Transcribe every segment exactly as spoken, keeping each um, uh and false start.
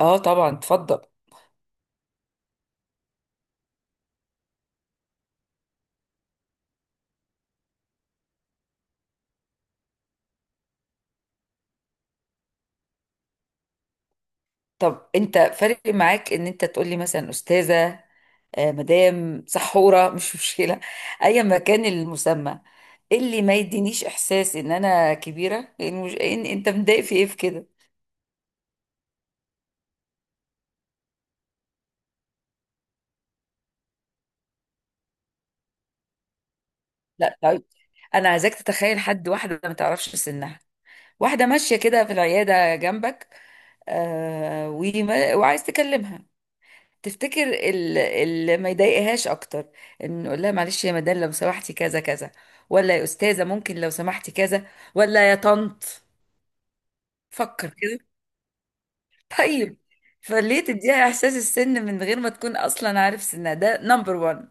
اه، طبعا اتفضل. طب انت فارق معاك ان انت تقولي مثلا استاذه، آه، مدام سحوره، مش مشكله، ايا ما كان المسمى. إيه اللي ما يدينيش احساس ان انا كبيره، لان مش... إن انت متضايق في ايه، في كده؟ لا، طيب، انا عايزاك تتخيل حد، واحده ما تعرفش سنها، واحده ماشيه كده في العياده جنبك، آه وما... وعايز تكلمها. تفتكر ال- اللي ما يضايقهاش اكتر ان نقول لها: معلش يا مدام لو سمحتي كذا كذا، ولا يا استاذه ممكن لو سمحتي كذا، ولا يا طنط؟ فكر كده. طيب. فليه تديها احساس السن من غير ما تكون اصلا عارف سنها؟ ده نمبر واحد،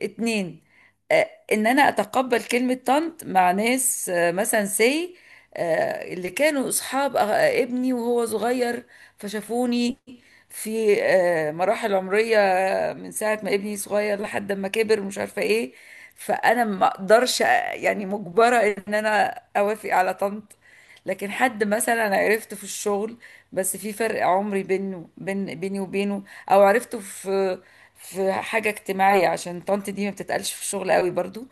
اتنين: آه، ان انا اتقبل كلمة طنط مع ناس، آه، مثلا سي آه، اللي كانوا اصحاب أغ- آه، ابني وهو صغير، فشافوني في آه، مراحل عمرية، آه، من ساعة ما ابني صغير لحد ما كبر ومش عارفة ايه. فانا ما اقدرش، آه، يعني مجبرة ان انا اوافق على طنط. لكن حد مثلا أنا عرفته في الشغل، بس في فرق عمري بينه بين بيني وبينه، او عرفته في في حاجة اجتماعية، عشان طنط دي ما بتتقالش في الشغل قوي برضو.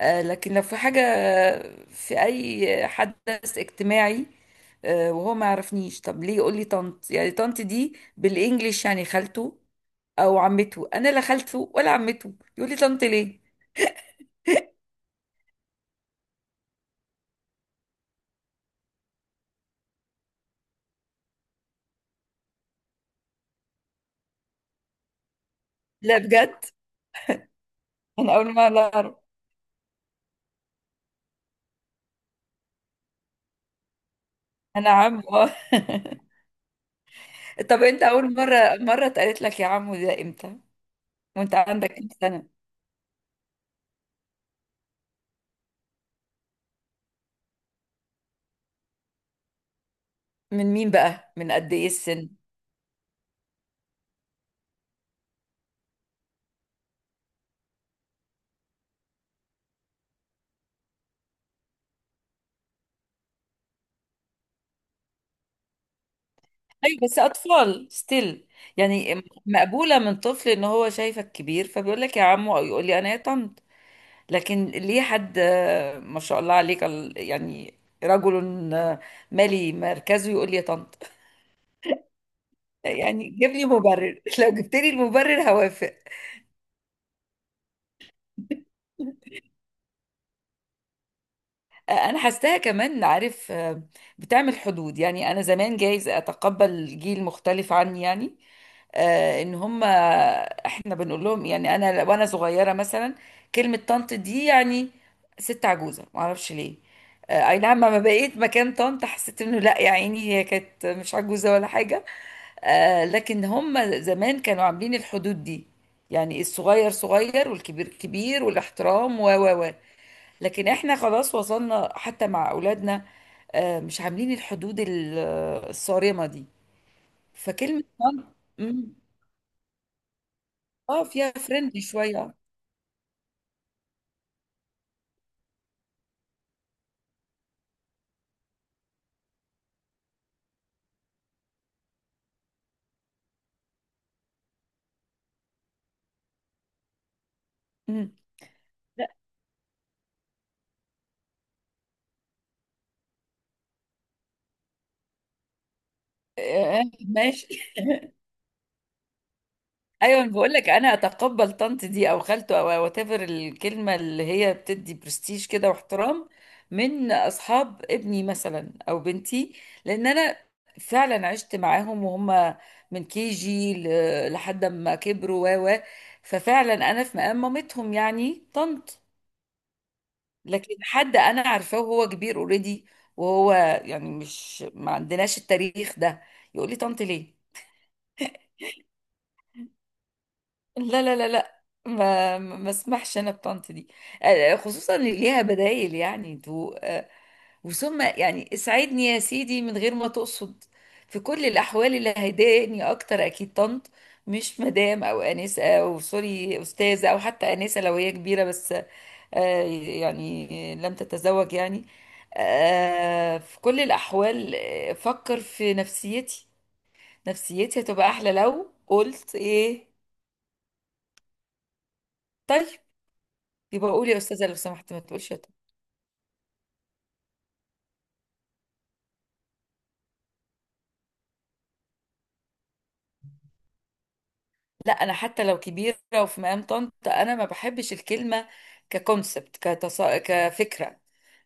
آه، لكن لو في حاجة، في أي حدث اجتماعي، آه، وهو ما يعرفنيش، طب ليه يقول لي طنط؟ يعني طنط دي بالإنجليش يعني خالته أو عمته، أنا لا خالته ولا عمته، يقول لي طنط ليه؟ لا بجد، أنا أول مرة، لا أعرف. أنا عم آه. طب أنت أول مرة مرة اتقالت لك يا عمو ده إمتى؟ وأنت عندك كام سنة؟ من مين بقى؟ من قد إيه السن؟ ايوه، بس اطفال ستيل. يعني مقبوله من طفل ان هو شايفك كبير فبيقول لك يا عمو، او يقول لي انا يا طنط. لكن ليه حد، آه، ما شاء الله عليك، ال- يعني رجل آه، مالي مركزه يقول لي يا طنط؟ يعني جيب لي مبرر. لو جبت لي المبرر هوافق. انا حاساها كمان، عارف، آه، بتعمل حدود. يعني انا زمان جايز اتقبل جيل مختلف عني، يعني آه، ان هم احنا بنقول لهم، يعني انا وانا صغيره مثلا، كلمه طنط دي يعني ست عجوزه، ما اعرفش ليه. آه، اي نعم، لما بقيت مكان طنط حسيت انه لا يا عيني، هي كانت مش عجوزه ولا حاجه. آه، لكن هم زمان كانوا عاملين الحدود دي، يعني الصغير صغير والكبير كبير والاحترام و و و لكن احنا خلاص وصلنا، حتى مع اولادنا آه، مش عاملين الحدود ال- آه، الصارمة دي. فكلمة مام- مم، اه فيها فريندلي شوية. مم. آه، آه، ماشي. ايوه، بقول لك انا اتقبل طنط دي او خالته او وات ايفر، الكلمه اللي هي بتدي برستيج كده واحترام، من اصحاب ابني مثلا او بنتي، لان انا فعلا عشت معاهم وهم من كي جي لحد ما كبروا و و ففعلا انا في مقام مامتهم، يعني طنط. لكن حد انا عارفاه وهو كبير اوريدي، وهو يعني مش، ما عندناش التاريخ ده، يقول لي طنط ليه؟ لا، لا، لا، لا، ما ما ما اسمحش انا بطنط دي. آه، خصوصا اللي ليها بدايل يعني، تو آه، وثم يعني اسعدني يا سيدي من غير ما تقصد. في كل الاحوال، اللي هيضايقني اكتر اكيد طنط، مش مدام او انسه او سوري استاذه، او حتى انسه لو هي كبيره بس، آه، يعني لم تتزوج يعني. آه، في كل الاحوال، آه، فكر في نفسيتي. نفسيتي هتبقى احلى لو قلت ايه؟ طيب، يبقى قولي يا استاذه لو سمحت، ما تقولش يا طنط. لا، انا حتى لو كبيره وفي مقام طنط، انا ما بحبش الكلمه ككونسبت، كتص... كفكره.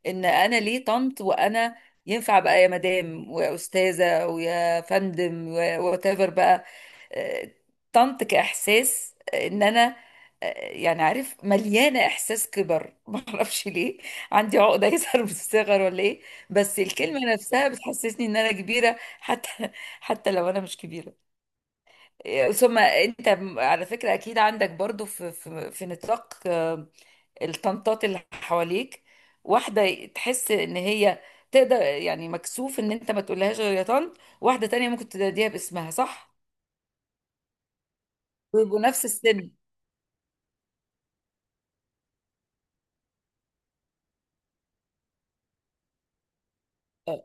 ان انا ليه طنط وانا ينفع بقى يا مدام ويا استاذه ويا فندم، وات ايفر بقى. آه، طنط كاحساس، آه، ان انا آه، يعني عارف، مليانه احساس كبر. ما اعرفش ليه، عندي عقده يظهر من الصغر ولا ايه؟ بس الكلمه نفسها بتحسسني ان انا كبيره، حتى حتى لو انا مش كبيره. ثم انت، على فكرة، اكيد عندك برضو في في, في نطاق آه، الطنطات اللي حواليك، واحدة تحس ان هي تقدر، يعني مكسوف ان انت ما تقولهاش غير يا طنط، واحدة تانية ممكن تناديها باسمها، صح؟ ويبقوا نفس السن. آه،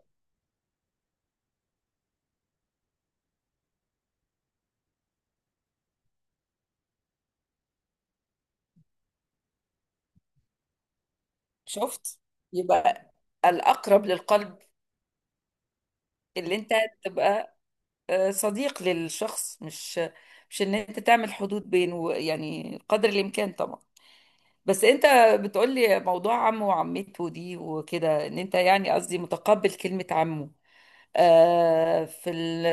شفت؟ يبقى الاقرب للقلب اللي انت تبقى آه، صديق للشخص، مش مش ان انت تعمل حدود بينه، يعني قدر الامكان طبعا. بس انت بتقولي موضوع عمه وعمته دي وكده، ان انت يعني قصدي متقبل كلمة عمه، آه في ال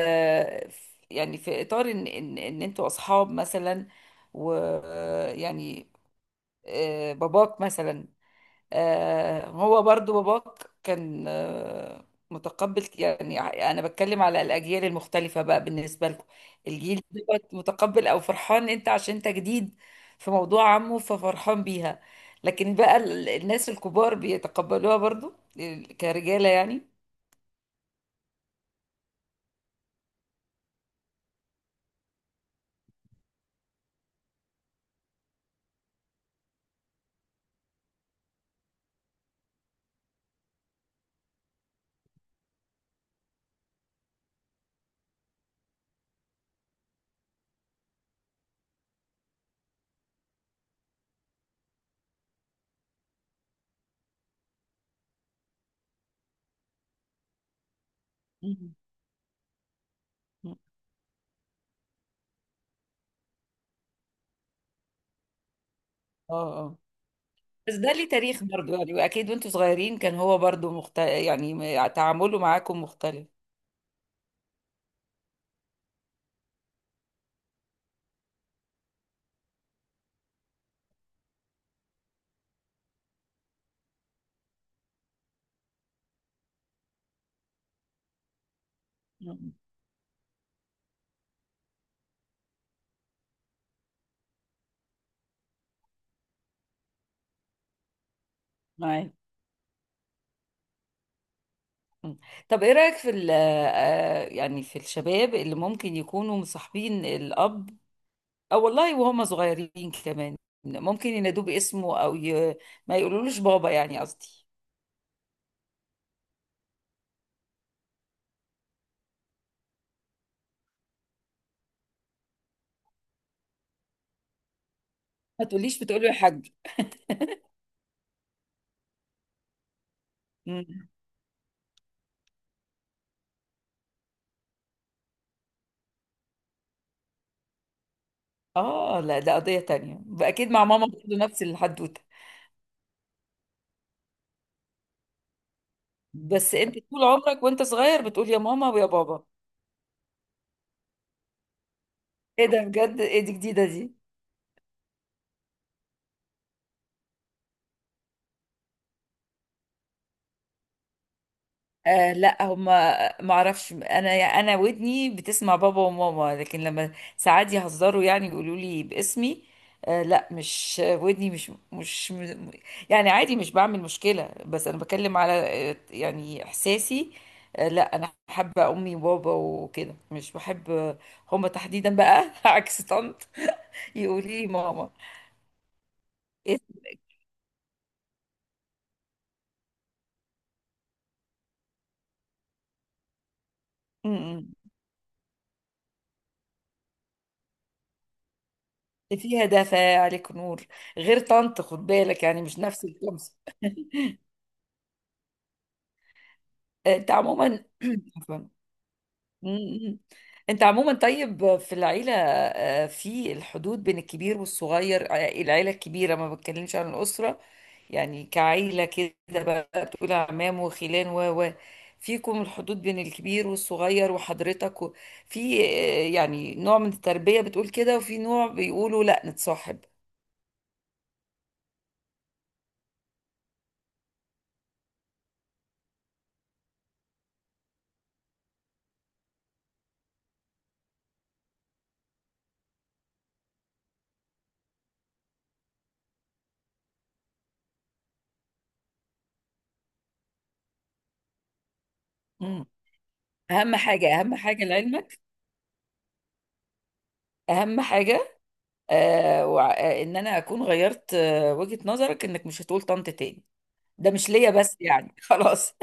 يعني في اطار ان ان, ان انتوا اصحاب مثلا، ويعني آه باباك مثلا، آه، هو برضو باباك كان آه، متقبل يعني. انا بتكلم على الاجيال المختلفه بقى، بالنسبه لكم الجيل دوت متقبل او فرحان انت عشان انت جديد في موضوع عمه، ففرحان بيها. لكن بقى ال- الناس الكبار بيتقبلوها برضو، ال- كرجاله يعني؟ مم. اه، اه، بس ده ليه تاريخ برضو، يعني واكيد وانتوا صغيرين كان هو برضو مخت... يعني م- تعامله معاكم مختلف. مم. معاك. مم. طب، ايه رأيك في ال- آه، يعني في الشباب اللي ممكن يكونوا مصاحبين الأب، او والله وهم صغيرين كمان، ممكن ينادوه باسمه، او ي... ما يقولولوش بابا يعني، قصدي ما تقوليش؟ بتقولي يا حاج؟ مم. اه، لا، ده قضية تانية بقى، اكيد مع ماما برضه نفس الحدوتة. بس انت طول عمرك وانت صغير بتقول يا ماما ويا بابا؟ ايه ده؟ بجد؟ ايه دي جديدة دي! آه لا، هما، ما اعرفش انا. انا ودني بتسمع بابا وماما، لكن لما ساعات يهزروا يعني يقولوا لي باسمي. آه لا، مش ودني، مش مش م- يعني عادي، مش بعمل مشكلة، بس انا بكلم على آه، يعني احساسي. آه لا، انا حابة امي وبابا وكده، مش بحب آه، هما تحديدا بقى. عكس طنط، يقولي لي ماما. إيه- م- م. إيه فيها؟ دافع عليك نور. غير طنط خد بالك، يعني مش نفس الكلمة. انت عموما، مم. انت عموما طيب، في العيلة، آه، في الحدود بين الكبير والصغير، آه، العيلة الكبيرة، ما بتكلمش عن الأسرة، يعني كعيلة كده بقى، بتقول عمام وخلان و و فيكم الحدود بين الكبير والصغير وحضرتك و- في آه، يعني نوع من التربية بتقول كده، وفي نوع بيقولوا لا نتصاحب. مم. أهم حاجة، أهم حاجة لعلمك، أهم حاجة آه وع- آه، إن أنا أكون غيرت آه، وجهة نظرك، إنك مش هتقول طنط تاني. ده مش ليا بس يعني، خلاص.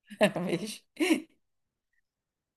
ماشي.